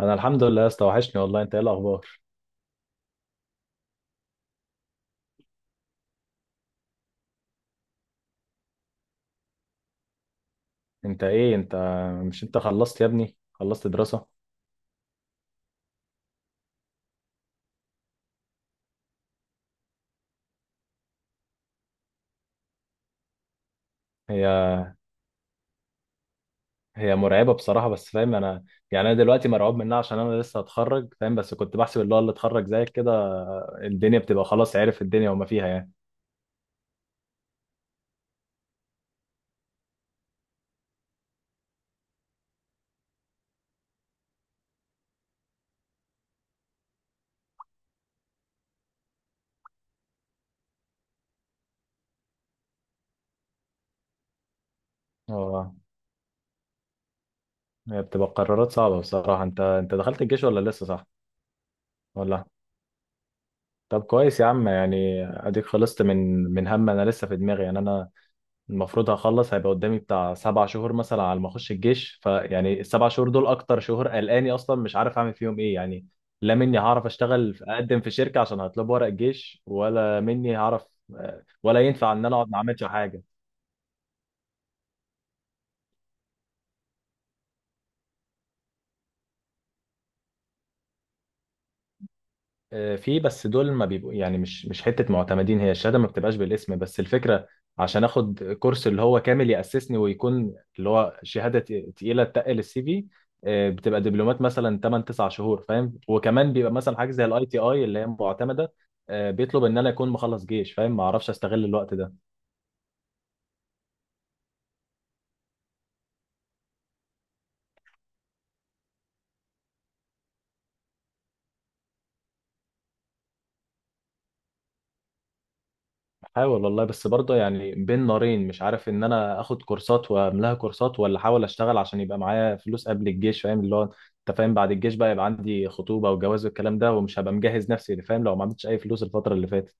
انا الحمد لله يا اسطى، وحشني والله. انت ايه الاخبار؟ انت مش انت خلصت يا ابني خلصت دراسة؟ هي هي مرعبة بصراحة، بس فاهم انا. يعني انا دلوقتي مرعوب منها عشان انا لسه هتخرج، فاهم. بس كنت بحسب اللي هو اللي اتخرج زيك كده الدنيا بتبقى خلاص، عارف الدنيا وما فيها يعني. اه، هي بتبقى قرارات صعبة بصراحة. انت دخلت الجيش ولا لسه، صح؟ ولا طب كويس يا عم، يعني اديك خلصت من هم. انا لسه في دماغي يعني انا المفروض هخلص، هيبقى قدامي بتاع 7 شهور مثلا على ما اخش الجيش، فيعني ال 7 شهور دول اكتر شهور قلقاني، اصلا مش عارف اعمل فيهم ايه يعني. لا، مني هعرف اشتغل اقدم في شركه عشان هطلب ورق الجيش، ولا مني هعرف ولا ينفع ان انا اقعد ما اعملش حاجه؟ في، بس دول ما بيبقوا يعني مش حته معتمدين، هي الشهاده ما بتبقاش بالاسم بس الفكره عشان اخد كورس اللي هو كامل ياسسني ويكون اللي هو شهاده تقيله، تقل السي في. بتبقى دبلومات مثلا 8 9 شهور فاهم، وكمان بيبقى مثلا حاجه زي الاي تي اي اللي هي معتمده. بيطلب ان انا اكون مخلص جيش، فاهم. ما اعرفش استغل الوقت ده، حاول والله. بس برضه يعني بين نارين، مش عارف ان انا اخد كورسات واملاها كورسات، ولا احاول اشتغل عشان يبقى معايا فلوس قبل الجيش، فاهم اللي هو انت فاهم بعد الجيش بقى يبقى عندي خطوبه وجواز والكلام ده، ومش هبقى مجهز نفسي اللي فاهم لو ما عملتش اي فلوس الفتره اللي فاتت.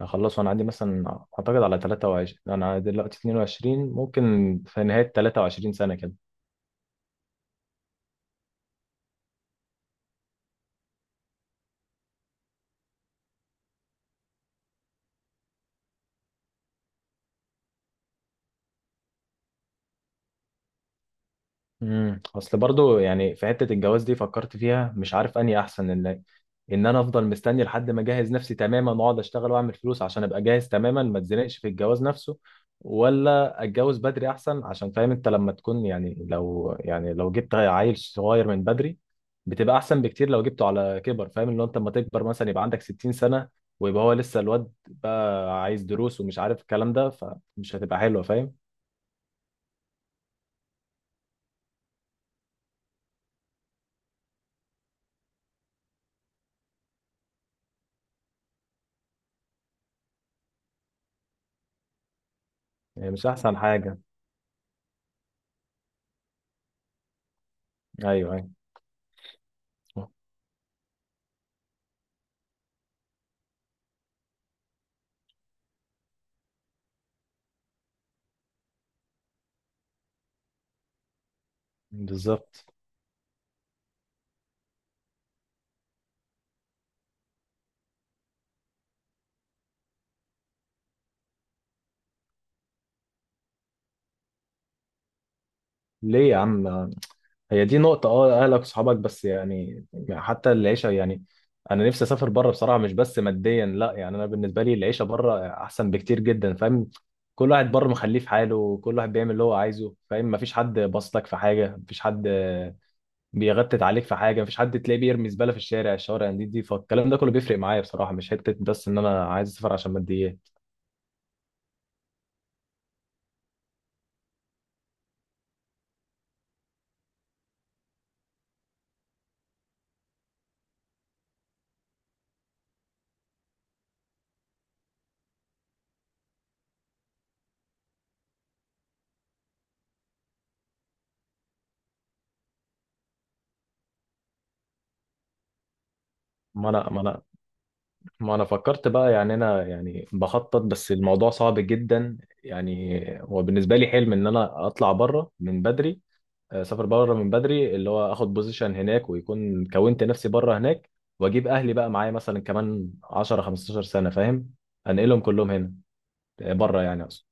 هخلص وانا عندي مثلا اعتقد على 23، انا دلوقتي 22، ممكن في نهايه 23 سنه كده. امم، اصل برضو يعني في حته الجواز دي فكرت فيها، مش عارف اني احسن ان انا افضل مستني لحد ما اجهز نفسي تماما واقعد اشتغل واعمل فلوس عشان ابقى جاهز تماما ما اتزنقش في الجواز نفسه، ولا اتجوز بدري احسن؟ عشان فاهم انت لما تكون يعني لو جبت عيل صغير من بدري بتبقى احسن بكتير لو جبته على كبر، فاهم اللي هو انت لما تكبر مثلا يبقى عندك 60 سنه، ويبقى هو لسه الواد بقى عايز دروس ومش عارف الكلام ده فمش هتبقى حلوه، فاهم. يعني مش احسن حاجه. ايوه. ايوه. بالظبط. ليه يا عم؟ هي دي نقطة، اه، اهلك وصحابك بس يعني حتى العيشة يعني انا نفسي اسافر بره بصراحة، مش بس ماديا لا، يعني انا بالنسبة لي العيشة بره احسن بكتير جدا، فاهم. كل واحد بره مخليه في حاله وكل واحد بيعمل اللي هو عايزه، فاهم. مفيش حد باصلك في حاجة، مفيش حد بيغتت عليك في حاجة، مفيش حد تلاقيه بيرمي زبالة في الشارع. الشوارع دي فالكلام ده كله بيفرق معايا بصراحة، مش حتة بس ان انا عايز اسافر عشان ماديات. ما انا ما انا ما انا فكرت بقى يعني انا يعني بخطط، بس الموضوع صعب جدا. يعني هو بالنسبه لي حلم ان انا اطلع بره من بدري، اسافر بره من بدري، اللي هو اخد بوزيشن هناك ويكون كونت نفسي بره هناك، واجيب اهلي بقى معايا مثلا كمان 10 15 سنه فاهم، انقلهم كلهم هنا، بره يعني اقصد.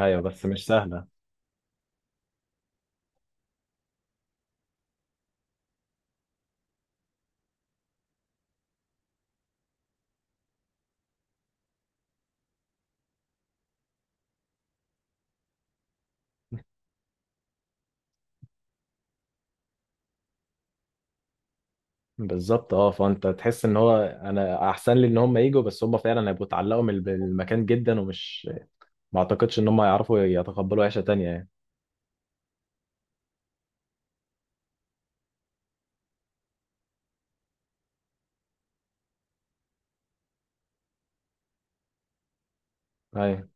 ايوه بس مش سهله. بالظبط اه. فانت تحس ان هو انا احسن لي ان هم يجوا، بس هم فعلا هيبقوا اتعلقوا بالمكان جدا، ومش ما اعتقدش ان هم يعرفوا يتقبلوا عيشه تانية يعني. ايوه.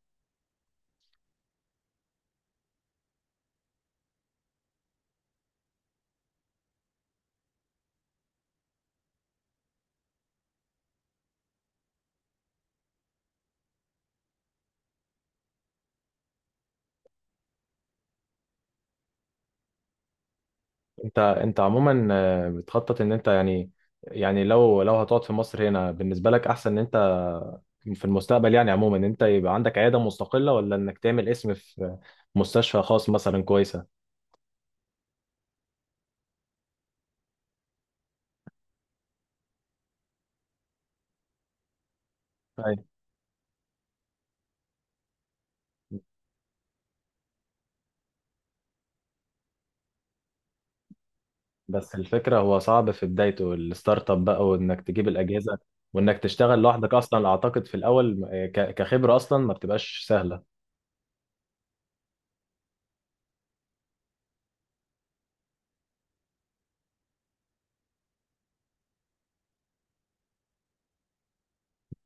انت عموما بتخطط ان انت يعني يعني لو هتقعد في مصر هنا بالنسبه لك احسن ان انت في المستقبل يعني عموما ان انت يبقى عندك عياده مستقله، ولا انك تعمل اسم في مستشفى خاص مثلا كويسه؟ أي. بس الفكره هو صعب في بدايته الستارت اب بقى، وانك تجيب الاجهزه وانك تشتغل لوحدك اصلا، اعتقد في الاول كخبره اصلا ما بتبقاش سهله.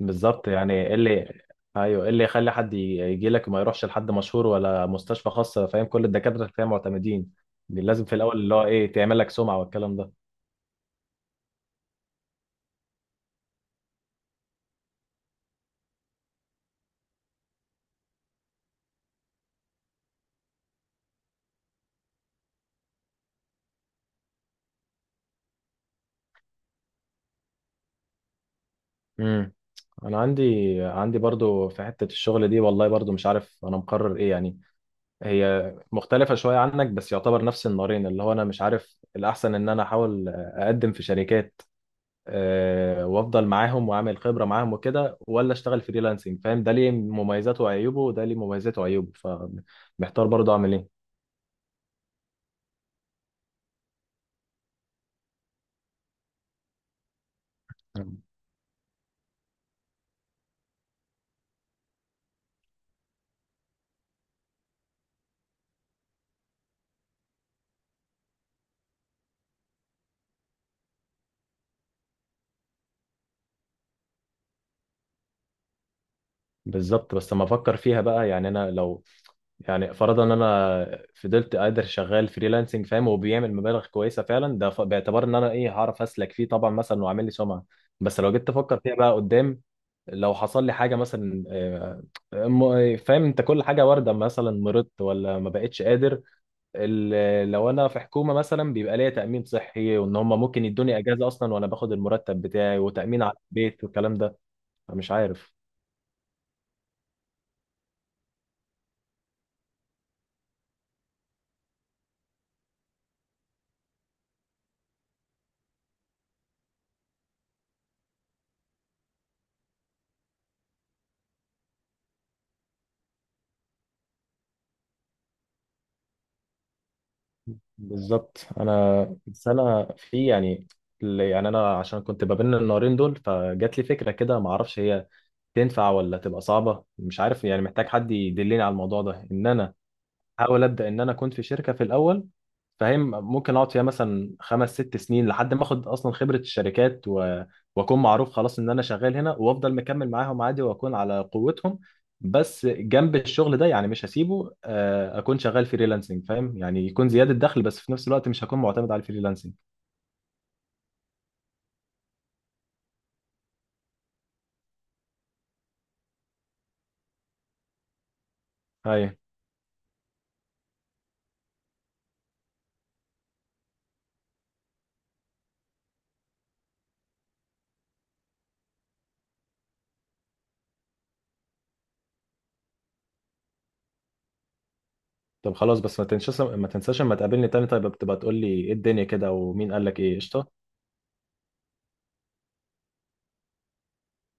بالظبط. يعني ايه اللي ايوه ايه اللي يخلي حد يجي لك وما يروحش لحد مشهور ولا مستشفى خاصه، فاهم كل الدكاتره اللي فيها معتمدين. دي لازم في الاول اللي هو ايه تعمل لك سمعه والكلام ده. امم. انا عندي برضو في حته الشغل دي والله، برضو مش عارف انا مقرر ايه يعني. هي مختلفه شويه عنك بس يعتبر نفس النارين، اللي هو انا مش عارف الاحسن ان انا احاول اقدم في شركات وافضل معاهم واعمل خبره معاهم وكده، ولا اشتغل فريلانسنج، فاهم. ده ليه مميزاته وعيوبه وده ليه مميزاته وعيوبه، فمحتار برضو اعمل ايه. بالظبط. بس لما افكر فيها بقى يعني انا لو، يعني فرضا ان انا فضلت قادر شغال فريلانسنج فاهم، وبيعمل مبالغ كويسه فعلا ده باعتبار ان انا ايه هعرف اسلك فيه طبعا مثلا واعمل لي سمعه. بس لو جيت افكر فيها بقى قدام، لو حصل لي حاجه مثلا، فاهم انت كل حاجه وارده، مثلا مرضت ولا ما بقتش قادر. لو انا في حكومه مثلا بيبقى ليا تامين صحي، وان هم ممكن يدوني اجازه اصلا وانا باخد المرتب بتاعي وتامين على البيت والكلام ده. مش عارف. بالظبط. انا بس انا في يعني، يعني انا عشان كنت ما بين النارين دول فجات لي فكره كده، ما اعرفش هي تنفع ولا تبقى صعبه، مش عارف. يعني محتاج حد يدلني على الموضوع ده، ان انا احاول ابدا ان انا كنت في شركه في الاول فاهم، ممكن اقعد فيها مثلا 5 6 سنين لحد ما اخد اصلا خبره الشركات واكون معروف خلاص ان انا شغال هنا، وافضل مكمل معاهم عادي واكون على قوتهم. بس جنب الشغل ده يعني مش هسيبه، اكون شغال فريلانسنج فاهم، يعني يكون زياده دخل بس في نفس الوقت مش هكون معتمد على الفريلانسنج. ايوه. طب خلاص، بس ما تنساش لما تقابلني تاني طيب، بتبقى تقول لي ايه الدنيا كده، ومين قال لك ايه. قشطه.